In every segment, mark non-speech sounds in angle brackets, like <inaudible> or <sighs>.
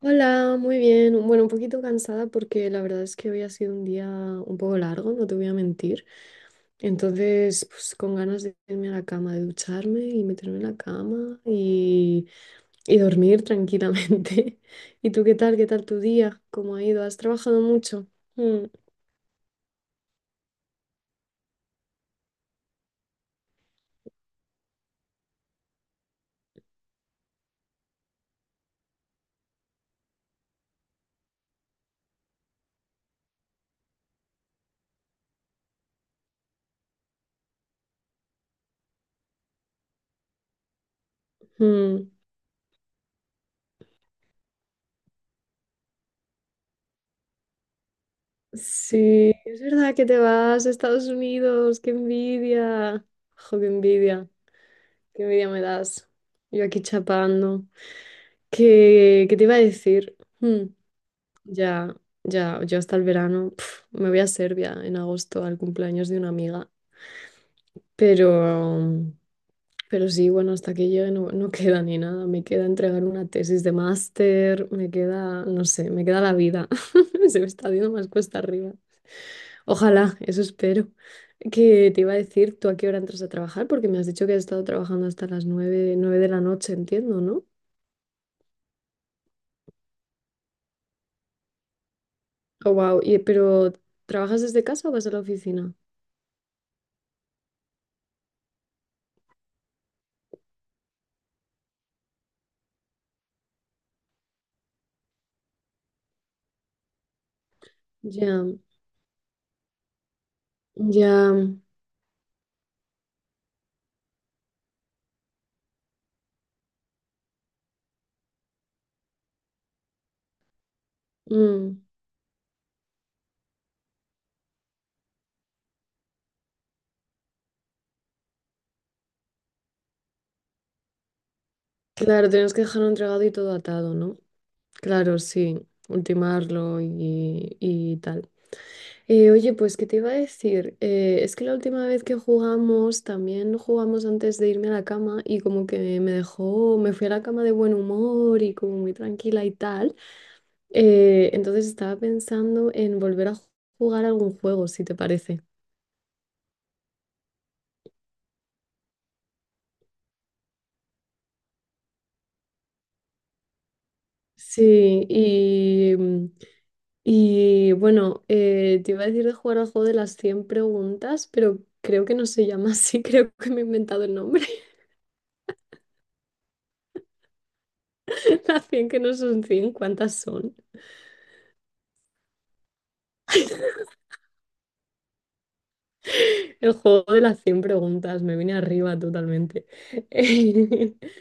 Hola, muy bien. Bueno, un poquito cansada porque la verdad es que hoy ha sido un día un poco largo, no te voy a mentir. Entonces, pues con ganas de irme a la cama, de ducharme y meterme en la cama y dormir tranquilamente. <laughs> ¿Y tú qué tal? ¿Qué tal tu día? ¿Cómo ha ido? ¿Has trabajado mucho? Mm, mm. Sí, es verdad que te vas a Estados Unidos. ¡Qué envidia! ¡Jo, qué envidia! ¡Qué envidia me das! Yo aquí chapando. ¿Qué te iba a decir? Hmm, ya, ya. Yo hasta el verano me voy a Serbia en agosto al cumpleaños de una amiga, pero, pero sí, bueno, hasta que llegue no queda ni nada, me queda entregar una tesis de máster, me queda, no sé, me queda la vida. <laughs> Se me está haciendo más cuesta arriba. Ojalá, eso espero. Que te iba a decir? ¿Tú a qué hora entras a trabajar? Porque me has dicho que has estado trabajando hasta las nueve, nueve de la noche, entiendo, ¿no? Oh, wow. Pero, ¿trabajas desde casa o vas a la oficina? Ya, ya. Mm. Claro, tenemos que dejarlo entregado y todo atado, ¿no? Claro, sí. Ultimarlo y tal. Oye, pues, ¿qué te iba a decir? Es que la última vez que jugamos, también jugamos antes de irme a la cama y como que me dejó, me fui a la cama de buen humor y como muy tranquila y tal. Entonces estaba pensando en volver a jugar algún juego, si te parece. Sí, y bueno, te iba a decir de jugar al juego de las 100 preguntas, pero creo que no se llama así. <laughs> Creo que me he inventado el nombre. <laughs> Las 100 que no son cien, ¿cuántas son? El juego de las 100 preguntas, me vine arriba totalmente. <laughs>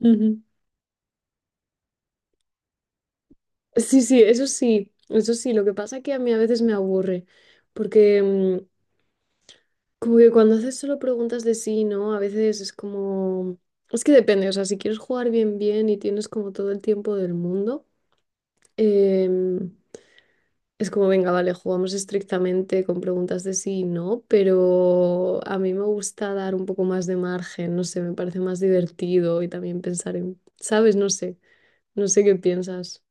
Ujú. Sí, sí, eso sí, eso sí. Lo que pasa es que a mí a veces me aburre, porque como que cuando haces solo preguntas de sí, ¿no? A veces es como... Es que depende, o sea, si quieres jugar bien, bien y tienes como todo el tiempo del mundo, em, es como, venga, vale, jugamos estrictamente con preguntas de sí, y ¿no? Pero a mí me gusta dar un poco más de margen, no sé, me parece más divertido y también pensar en, ¿sabes? No sé qué piensas.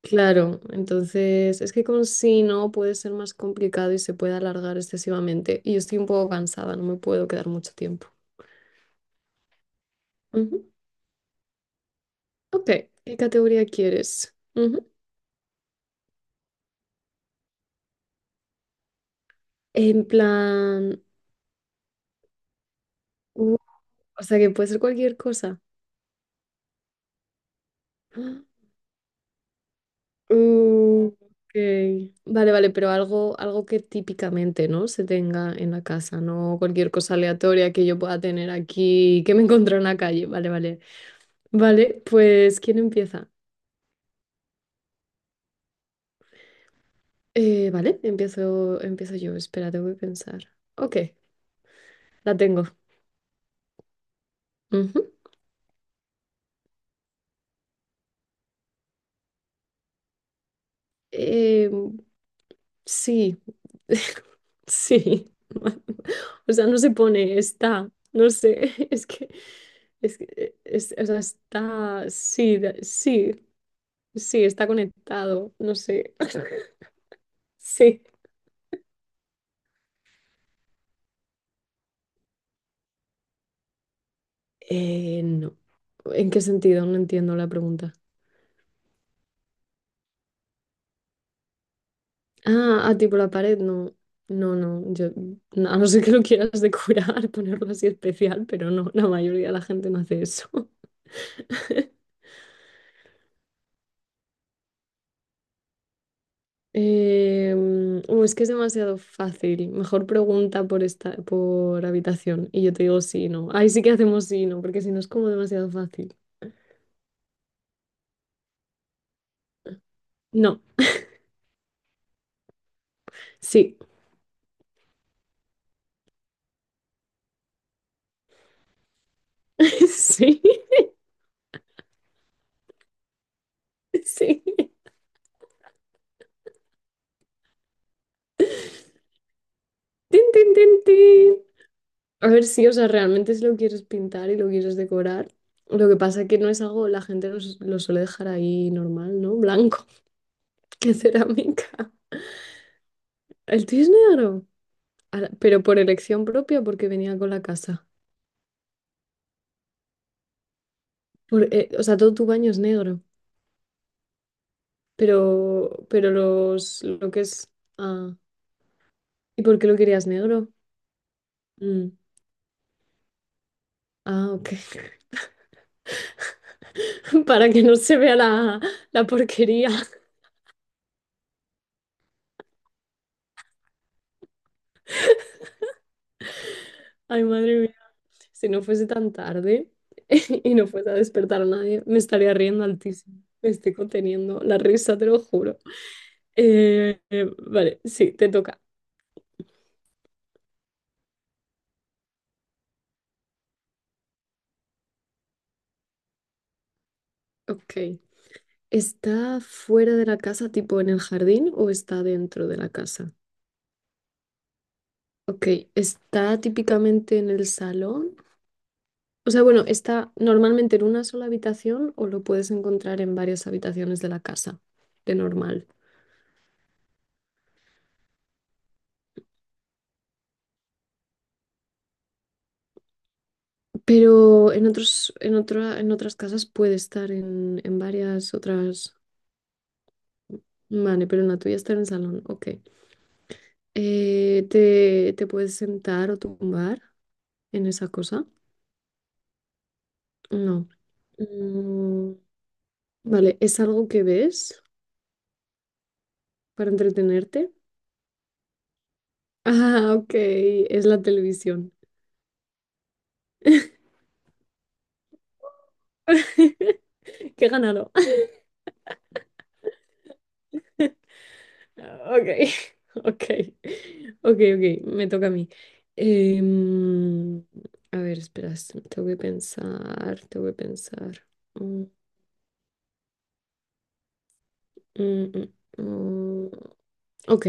Claro, entonces es que con sí, no puede ser más complicado y se puede alargar excesivamente. Y yo estoy un poco cansada, no me puedo quedar mucho tiempo. Ujú. Ok, ¿qué categoría quieres? Ujú. En plan, uh, o sea que puede ser cualquier cosa. <gasps> Ah, ok. Vale, vale, pero algo que típicamente, ¿no? Se tenga en la casa, no cualquier cosa aleatoria que yo pueda tener aquí, que me encontré en la calle. Vale, vale. Vale, pues, ¿quién empieza? Vale, empiezo yo. Espera, tengo que pensar. Ok, la tengo. Ujú. Em, Sí. <laughs> Sí. <laughs> O sea, no se pone, está, no sé. <laughs> Es que o sea, está, sí, sí, sí, está conectado, no sé. <laughs> Sí. No. ¿En qué sentido? No entiendo la pregunta. Ah, ah, tipo la pared, no. No, no, yo, no, a no ser que lo quieras decorar, <laughs> ponerlo así especial, pero no, la mayoría de la gente no hace eso. <laughs> Es que es demasiado fácil. Mejor pregunta por esta, por habitación. Y yo te digo sí y no. Ahí sí que hacemos sí y no, porque si no es como demasiado fácil. No, sí. <laughs> Sí, sí. Tin, tin, tin, tin. A ver si, o sea, realmente si lo quieres pintar y lo quieres decorar. Lo que pasa que no es algo, la gente lo suele dejar ahí normal, ¿no? Blanco. <laughs> Que cerámica. El tuyo es negro. Ala, pero por elección propia, porque venía con la casa. O sea, todo tu baño es negro. Pero lo que es... Ah, ¿y por qué lo querías negro? Mm, ah, ok. <laughs> Para que no se vea la porquería. <laughs> Ay, madre mía. Si no fuese tan tarde <laughs> y no fuese a despertar a nadie, me estaría riendo altísimo. Me estoy conteniendo la risa, te lo juro. Vale, sí, te toca. Ok. ¿Está fuera de la casa, tipo en el jardín, o está dentro de la casa? Ok, ¿está típicamente en el salón? O sea, bueno, está normalmente en una sola habitación o lo puedes encontrar en varias habitaciones de la casa, de normal. Pero en otras casas puede estar en, varias otras. Vale, pero en la tuya está en el salón, ok. ¿Te puedes sentar o tumbar en esa cosa? No. Mm, vale, ¿es algo que ves para entretenerte? <laughs> Ah, ok, es la televisión. <laughs> Qué ganado. Ok. <laughs> Ok, ok, ok, me toca a mí. Em, a ver, espera, tengo que pensar, tengo que pensar. Mm, mm, mm, mm. Ok,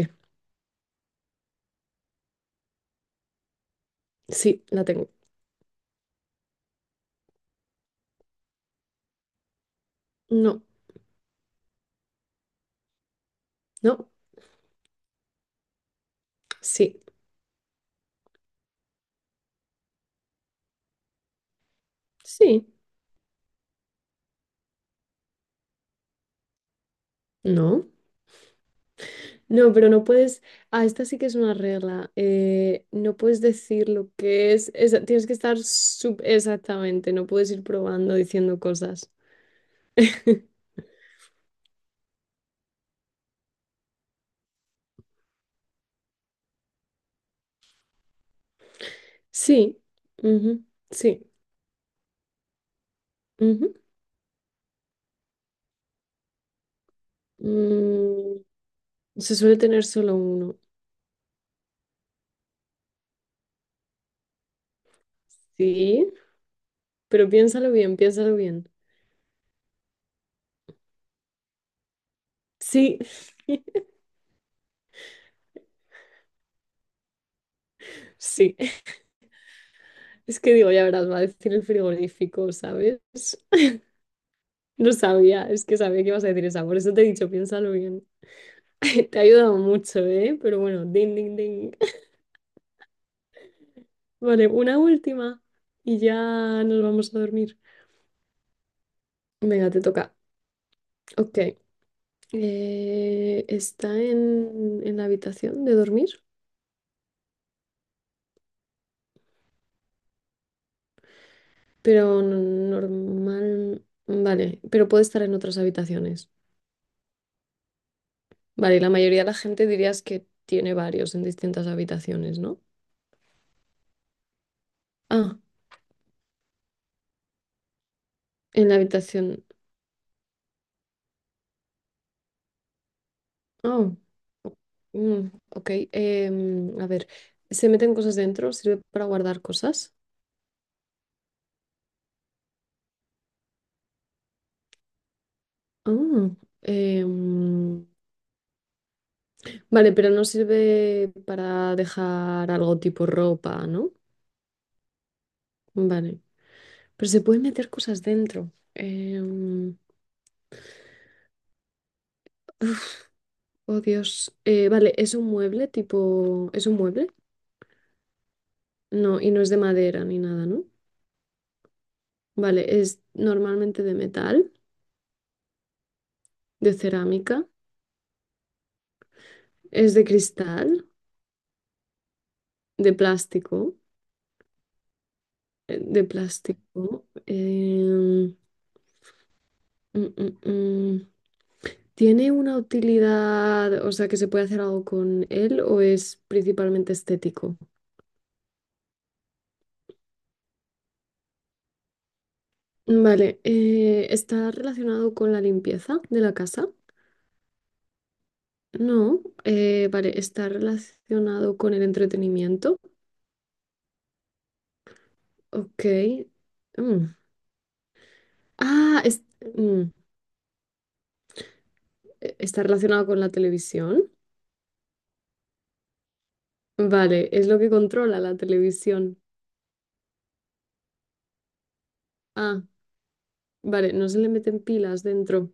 sí, la tengo. No, no, sí, sí, no. No, pero no puedes, ah, esta sí que es una regla. No puedes decir lo que es. Tienes que estar exactamente, no puedes ir probando diciendo cosas. <laughs> Sí, ujú, sí. Ujú. Mm, se suele tener solo uno, sí, pero piénsalo bien, piénsalo bien. Sí. <laughs> Sí. Es que digo, ya verás, va a decir el frigorífico, ¿sabes? <laughs> No sabía, es que sabía que ibas a decir esa, por eso te he dicho, piénsalo bien. <laughs> Te ha ayudado mucho, ¿eh? Pero bueno, ding, ding, ding. <laughs> Vale, una última y ya nos vamos a dormir. Venga, te toca. Ok. ¿Está en la habitación de dormir? Pero normal, vale, pero puede estar en otras habitaciones. Vale, y la mayoría de la gente dirías que tiene varios en distintas habitaciones, ¿no? Ah, en la habitación. Oh, o- ok. A ver, ¿se meten cosas dentro? ¿Sirve para guardar cosas? Ah, em, vale, pero no sirve para dejar algo tipo ropa, ¿no? Vale, pero se pueden meter cosas dentro. Oh, Dios. Vale, es un mueble tipo... ¿Es un mueble? No, y no es de madera ni nada, ¿no? Vale, es normalmente de metal, de cerámica, es de cristal, de plástico, de plástico. Mm, mm, mm. ¿Tiene una utilidad, o sea, que se puede hacer algo con él o es principalmente estético? Vale, ¿está relacionado con la limpieza de la casa? No, vale, está relacionado con el entretenimiento. Ok. Mm. Ah, mm, está relacionado con la televisión. Vale, es lo que controla la televisión. Ah, vale, no se le meten pilas dentro.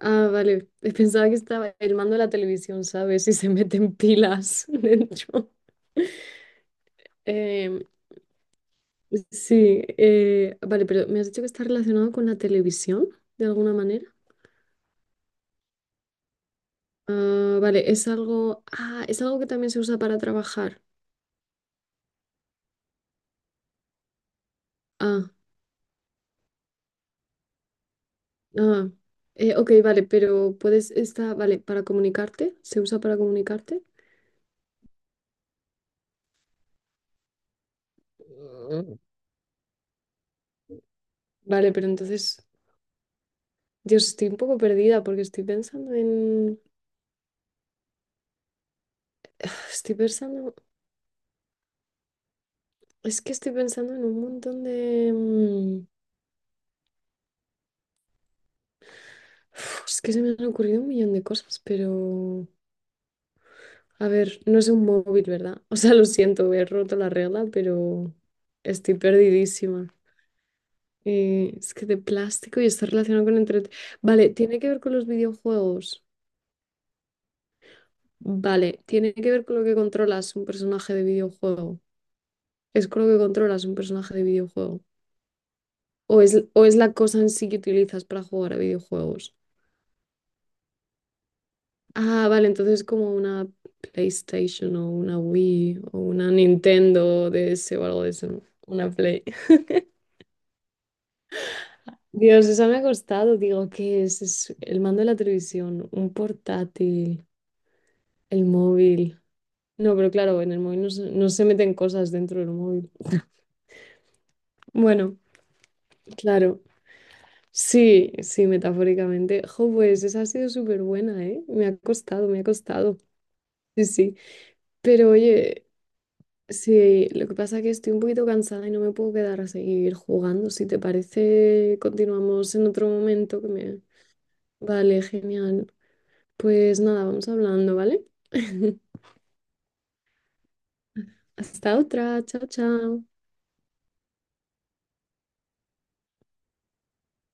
Ah, vale, <laughs> pensaba que estaba el mando de la televisión, ¿sabes? Si se meten pilas <laughs> dentro. Em, sí, vale, pero me has dicho que está relacionado con la televisión, de alguna manera. Ah, vale, es algo. Ah, es algo que también se usa para trabajar. Ah, ah. Ok, vale, pero puedes. Está, vale, para comunicarte. ¿Se usa para comunicarte? Mm. Vale, pero entonces. Dios, estoy un poco perdida porque estoy pensando en. <sighs> Estoy pensando. Es que estoy pensando en un montón de. <sighs> Es que se me han ocurrido un millón de cosas, pero. A ver, no es un móvil, ¿verdad? <laughs> O sea, lo siento, he roto la regla, pero estoy perdidísima. Es que de plástico y está relacionado con entre... Vale, tiene que ver con los videojuegos. Vale, tiene que ver con lo que controlas un personaje de videojuego. Es con lo que controlas un personaje de videojuego. O es la cosa en sí que utilizas para jugar a videojuegos. Ah, vale, entonces es como una PlayStation o una Wii o una Nintendo DS o algo de eso, ¿no? Una Play. <laughs> Dios, eso me ha costado. Digo, ¿qué es? Es el mando de la televisión, un portátil, el móvil. No, pero claro, en el móvil no, se no se meten cosas dentro del móvil. Bueno, claro. Sí, sí, metafóricamente. Jo, pues esa ha sido súper buena, ¿eh? Me ha costado, me ha costado. Sí, sí. Pero oye, sí, lo que pasa es que estoy un poquito cansada y no me puedo quedar a seguir jugando. Si te parece, continuamos en otro momento que me... Vale, genial. Pues nada, vamos hablando, ¿vale? <laughs> Hasta otra. Chao, chao.